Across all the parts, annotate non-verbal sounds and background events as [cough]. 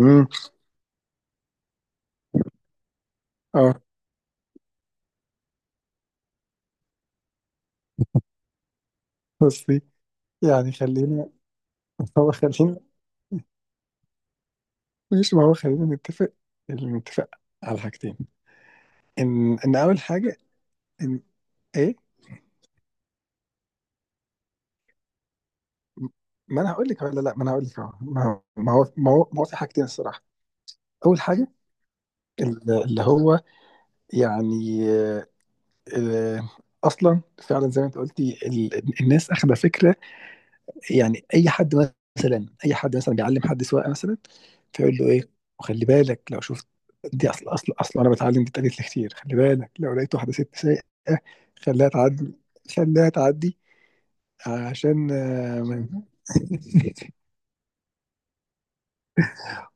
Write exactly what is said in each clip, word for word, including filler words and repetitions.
امم. اه. بصي، يعني خلينا. [laughs] هو خلينا. ماشي ما هو خلينا نتفق، نتفق على حاجتين. ان ان اول حاجه، ان ايه. ما انا هقول لك ولا لا، ما انا هقول لك اهو. ما هو ما هو ما هو ما هو في حاجتين الصراحه. اول حاجه، ال- اللي هو يعني، آه، آه، اصلا فعلا زي ما انت قلتي، ال- الناس اخذه فكره. يعني اي حد مثلا، اي حد مثلا بيعلم حد سواقه مثلا، فيقول له ايه، وخلي بالك لو شفت، دي اصل اصل اصل انا بتعلم دي اتقالت لي كتير، خلي بالك لو لقيت واحده ست سايقه خليها تعدي، خليها تعدي، عشان آه، ما- [laughs]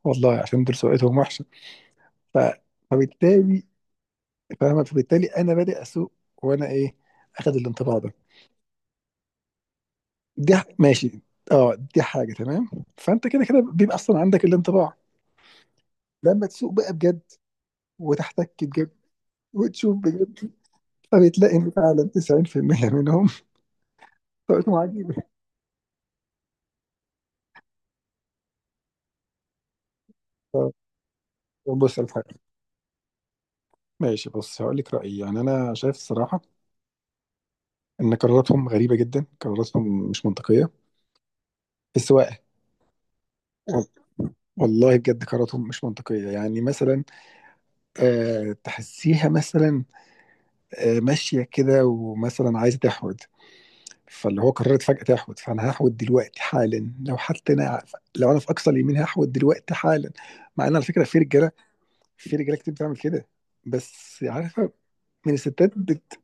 والله عشان دول سواقتهم وحشه. ف... فبالتالي، فاهمه، فبالتالي انا بادئ اسوق، وانا ايه، اخد الانطباع ده. دي ح- ماشي، اه دي حاجه تمام. فانت كده كده بيبقى اصلا عندك الانطباع، لما تسوق بقى بجد، وتحتك بجد، وتشوف بجد، فبتلاقي ان فعلا تسعين بالمية منهم طريقتهم عجيبه. طب بص على حاجه، ماشي بص هقول لك رايي، يعني انا شايف الصراحه ان قراراتهم غريبه جدا، قراراتهم مش منطقيه في السواقه. والله بجد قراراتهم مش منطقيه. يعني مثلا آه تحسيها مثلا آه ماشيه كده، ومثلا عايزه تحود، فاللي هو قررت فجاه تحود، فانا هحود دلوقتي حالا، لو حتى انا، لو انا في اقصى اليمين هحود دلوقتي حالا. مع ان على فكره في رجاله، في رجاله كتير بتعمل كده، بس عارفه، من الستات بت... [laughs]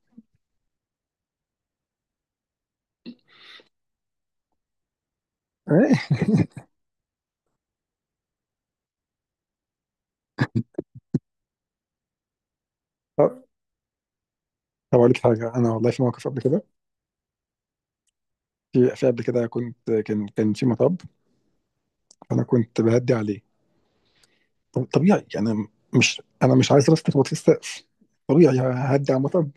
آه. طب، طب اقول لك حاجه، انا والله في موقف قبل كده. في في قبل كده كنت، كان كان في مطب، انا كنت بهدي عليه. طب- طبيعي يعني، مش انا مش عايز راسي تخبط في السقف، طبيعي ههدي على المطب.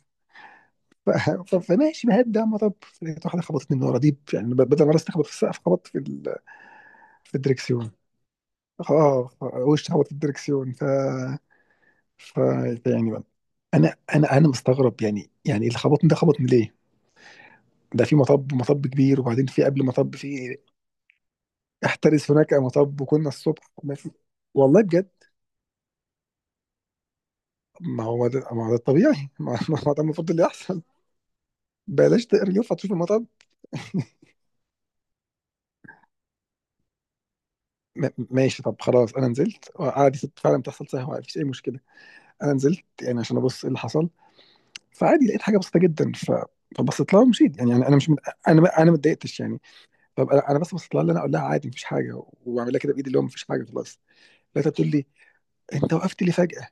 ف- ف- فماشي بهدي على المطب، لقيت واحده خبطتني من ورا، دي يعني، ب- بدل ما راسي تخبط في السقف خبطت في ال... في الدركسيون. اه، وش خبط في الدركسيون، ف فيعني بقى، انا انا انا مستغرب، يعني يعني اللي خبطني ده خبطني ليه؟ ده في مطب، مطب كبير، وبعدين في قبل مطب في احترس هناك مطب، وكنا الصبح، ما في والله بجد. ما هو ده، ما هو ده الطبيعي. [laughs] ما ما هو ده المفروض اللي يحصل، بلاش تقريف هتشوف المطب. [laughs] م- ماشي. طب خلاص انا نزلت عادي، ست- فعلا بتحصل سهوه، مفيش اي مشكله. انا نزلت يعني عشان ابص ايه اللي حصل، فعادي لقيت حاجه بسيطه جدا، ف، فبصيت لها ومشيت، يعني انا أنا مش مت... انا ما- انا ما اتضايقتش يعني. طب انا، أنا بس بصيت لها، اللي انا اقول لها عادي مفيش حاجه، وبعمل لها كده بايدي اللي هو مفيش حاجه خلاص. لقيتها بتقول لي، انت وقفت لي فجاه.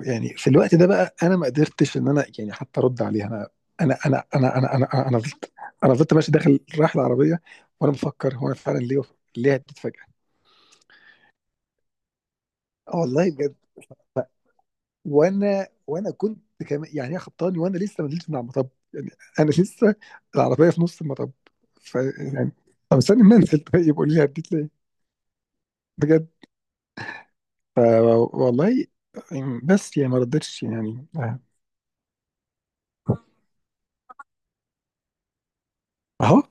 يعني في الوقت ده بقى انا ما قدرتش ان انا يعني حتى ارد عليها. انا انا انا انا انا انا انا أنا فضلت، انا فضلت ماشي داخل رايح العربيه، وانا بفكر، هو انا فعلا ليه، ليه هديت فجاه. آه والله بجد. ف- وانا وانا كنت، كمان يعني، هي خبطاني وانا لسه ما نزلتش من على المطب يعني. انا لسه العربيه في نص المطب، ف، يعني، طب استني ما انزل، طيب قول لي هديت ليه، بجد. ف- والله، بس يعني ما ردتش يعني. آه. اهو،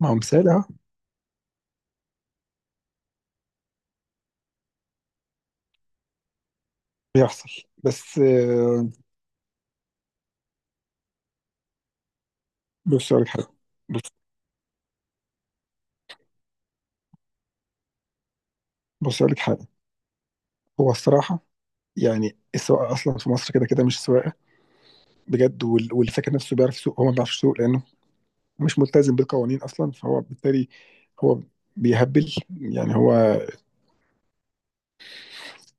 ما هو مثال اهو. بيحصل بس، آه، بص اقول لك حاجه. بص بص اقول لك حاجه. هو الصراحه يعني السواقه اصلا في مصر كده كده مش سواقه بجد، وال- واللي فاكر نفسه بيعرف يسوق هو ما بيعرفش يسوق، لانه مش ملتزم بالقوانين اصلا، فهو بالتالي هو بيهبل يعني. هو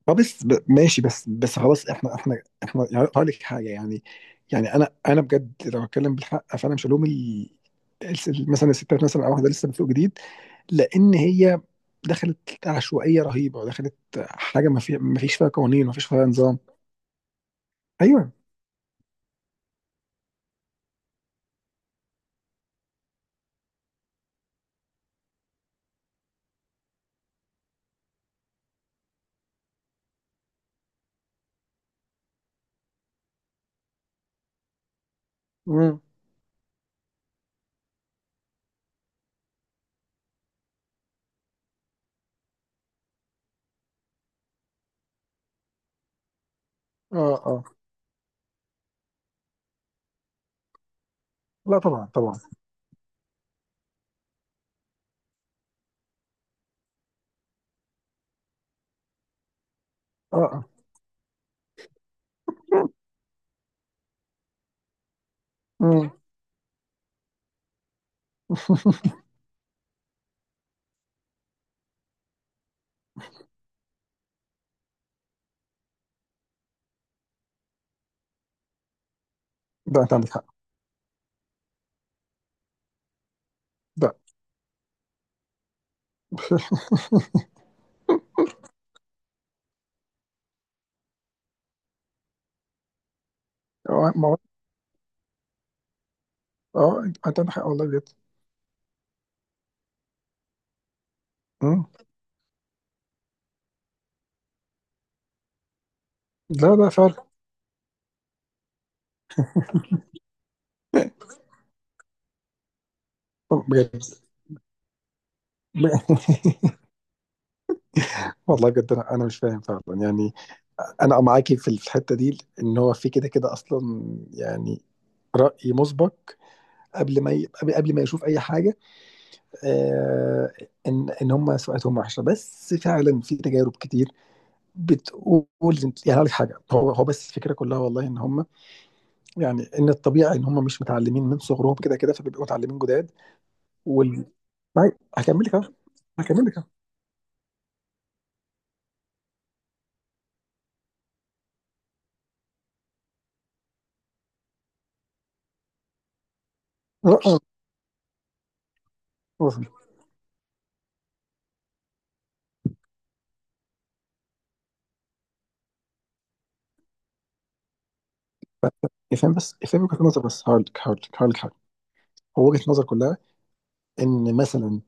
اه بس، ب- ماشي، بس بس خلاص، احنا احنا احنا يعني، هقول لك حاجه يعني. يعني انا انا بجد لو اتكلم بالحق، فانا مش هلوم ال- الس- مثلا الستات، مثلا او واحده لسه بتسوق جديد، لان هي دخلت عشوائيه رهيبه، ودخلت حاجه ما في ما فيش فيها قوانين، ما فيش فيها نظام. ايوه. امم. اه. اه. لا طبعا، طبعا. اه. اه. امم. [laughs] ده انت عندك حق. ده. [laughs] اه ما هو- اه انت عندك حق والله بجد. امم. لا لا فعلا. بجد. [laughs] والله بجد، انا انا مش فاهم فعلا يعني. انا معاكي في الحته دي، ان هو في كده كده اصلا يعني راي مسبق، قبل ما ي... قبل قبل ما يشوف اي حاجه. آه، ان ان هم سمعتهم وحشه، بس فعلا في تجارب كتير بتقول. يعني هقول لك حاجه، هو هو بس الفكره كلها والله، ان هم يعني، ان الطبيعي ان هم مش متعلمين من صغرهم كده كده، فبيبقوا متعلمين جداد. وال معايا؟ هكمل لك اهو، هكمل لك اهو لا، اه وصل. افهم بس، افهم وجهه نظر بس، هقول لك، هقول لك هقول لك هو وجهة نظر كلها، ان مثلا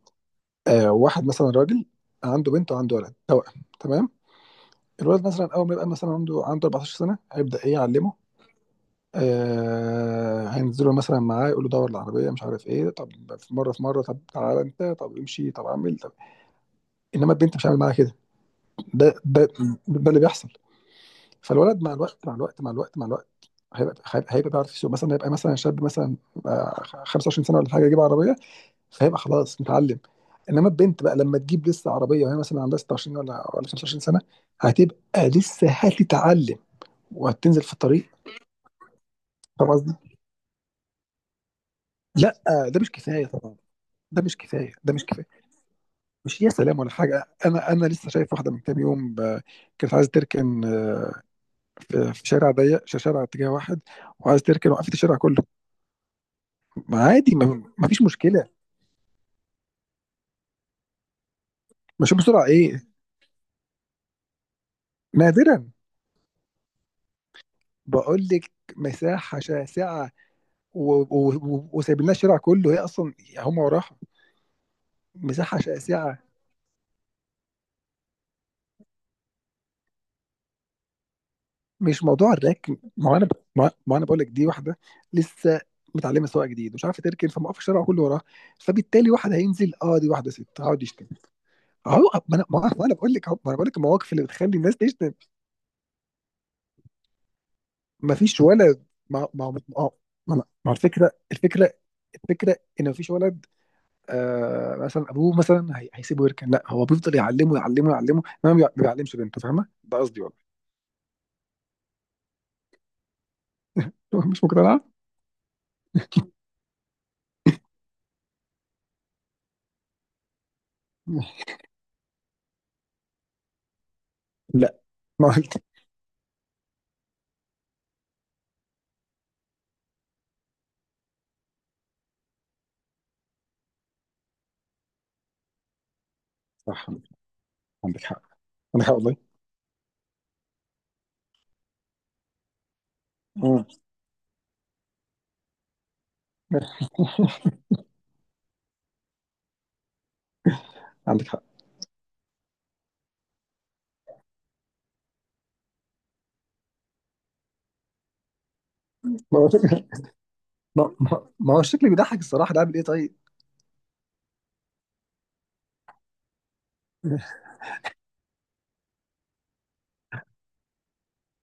آه، واحد مثلا راجل عنده بنت وعنده ولد توأم تمام، الولد مثلا اول ما يبقى مثلا عنده عنده 14 سنه هيبدا ايه يعلمه. آه، هينزله مثلا معاه، يقول له دور العربيه مش عارف ايه، طب في مره، في مره طب تعالى انت، طب امشي، طب اعمل، طب، انما البنت مش هعمل معاها كده. ده ده ده اللي بيحصل. فالولد مع الوقت، مع الوقت، مع الوقت، مع الوقت، هيبقى هيبقى هيبقى بيعرف يسوق، مثلا هيبقى مثلا شاب مثلا، آه، 25 سنه ولا حاجه، يجيب عربيه، فهيبقى خلاص متعلم. انما البنت بقى لما تجيب لسه عربيه، وهي مثلا عندها سته وعشرين ولا ولا خمسه وعشرين سنه، هتبقى لسه هتتعلم، وهتنزل في الطريق. فاهم قصدي؟ لا ده مش كفايه طبعا. ده مش كفايه ده مش كفايه. مش يا سلام ولا حاجه، انا انا لسه شايف واحده من كام يوم، ب- كانت عايزه تركن، آه، في في شارع ضيق، ش- شارع اتجاه واحد، وعايزه تركن وقفت الشارع كله، ما عادي، ما ما فيش مشكله. مش بسرعه ايه، نادرا. بقول لك مساحه شاسعه، و- و- وسايبين لنا الشارع كله، هي اصلا هم وراها مساحه شاسعه. مش موضوع الركن. ما هو انا، ما ما انا بقول لك دي واحده لسه متعلمه سواقه جديد، ومش عارفه تركن، فموقف الشارع كله وراها، فبالتالي واحد هينزل، اه دي واحده ست، هقعد يشتم. اهو، ما انا، ما ما انا بقول لك أهو، ما انا بقول لك المواقف اللي بتخلي الناس تشتم. ما فيش ولد، ما ما ما ما ما الفكره، الفكره الفكره ان ما فيش ولد آه، مثلا ابوه مثلا هي- هيسيبه يركن، لا هو بيفضل يعلمه، يعلمه يعلمه ما بيع- ما بيعلمش بنته، فاهمه ده قصدي والله. [laughs] مش مقتنع؟ لا ما قلت. صح عندك حق، عندك حق والله. مم. [laughs] عندك حق. ما هو شكلي، ما ما- ما هو شكلي بيضحك الصراحة، ده عامل ايه طيب؟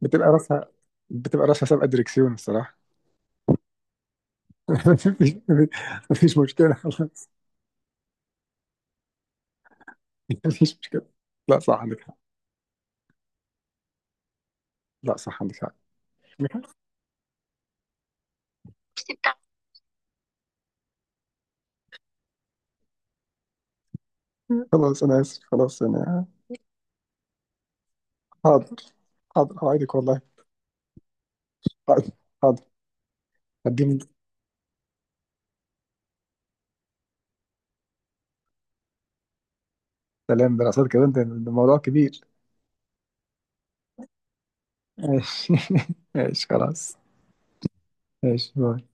بتبقى راسها، بتبقى راسها سابقة دريكسيون الصراحة. [laughs] مفيش، مفيش مفيش مشكلة خلاص. مفيش مشكلة. لا صح عندك حق، لا صح عندك حق، عندك حق. خلاص أنا آسف، خلاص أنا حاضر، حاضر أوعدك والله. حاضر، حاضر. هديهم. سلام، دراسات كده أنت الموضوع كبير. ماشي. [laughs] ماشي خلاص. ماشي باي.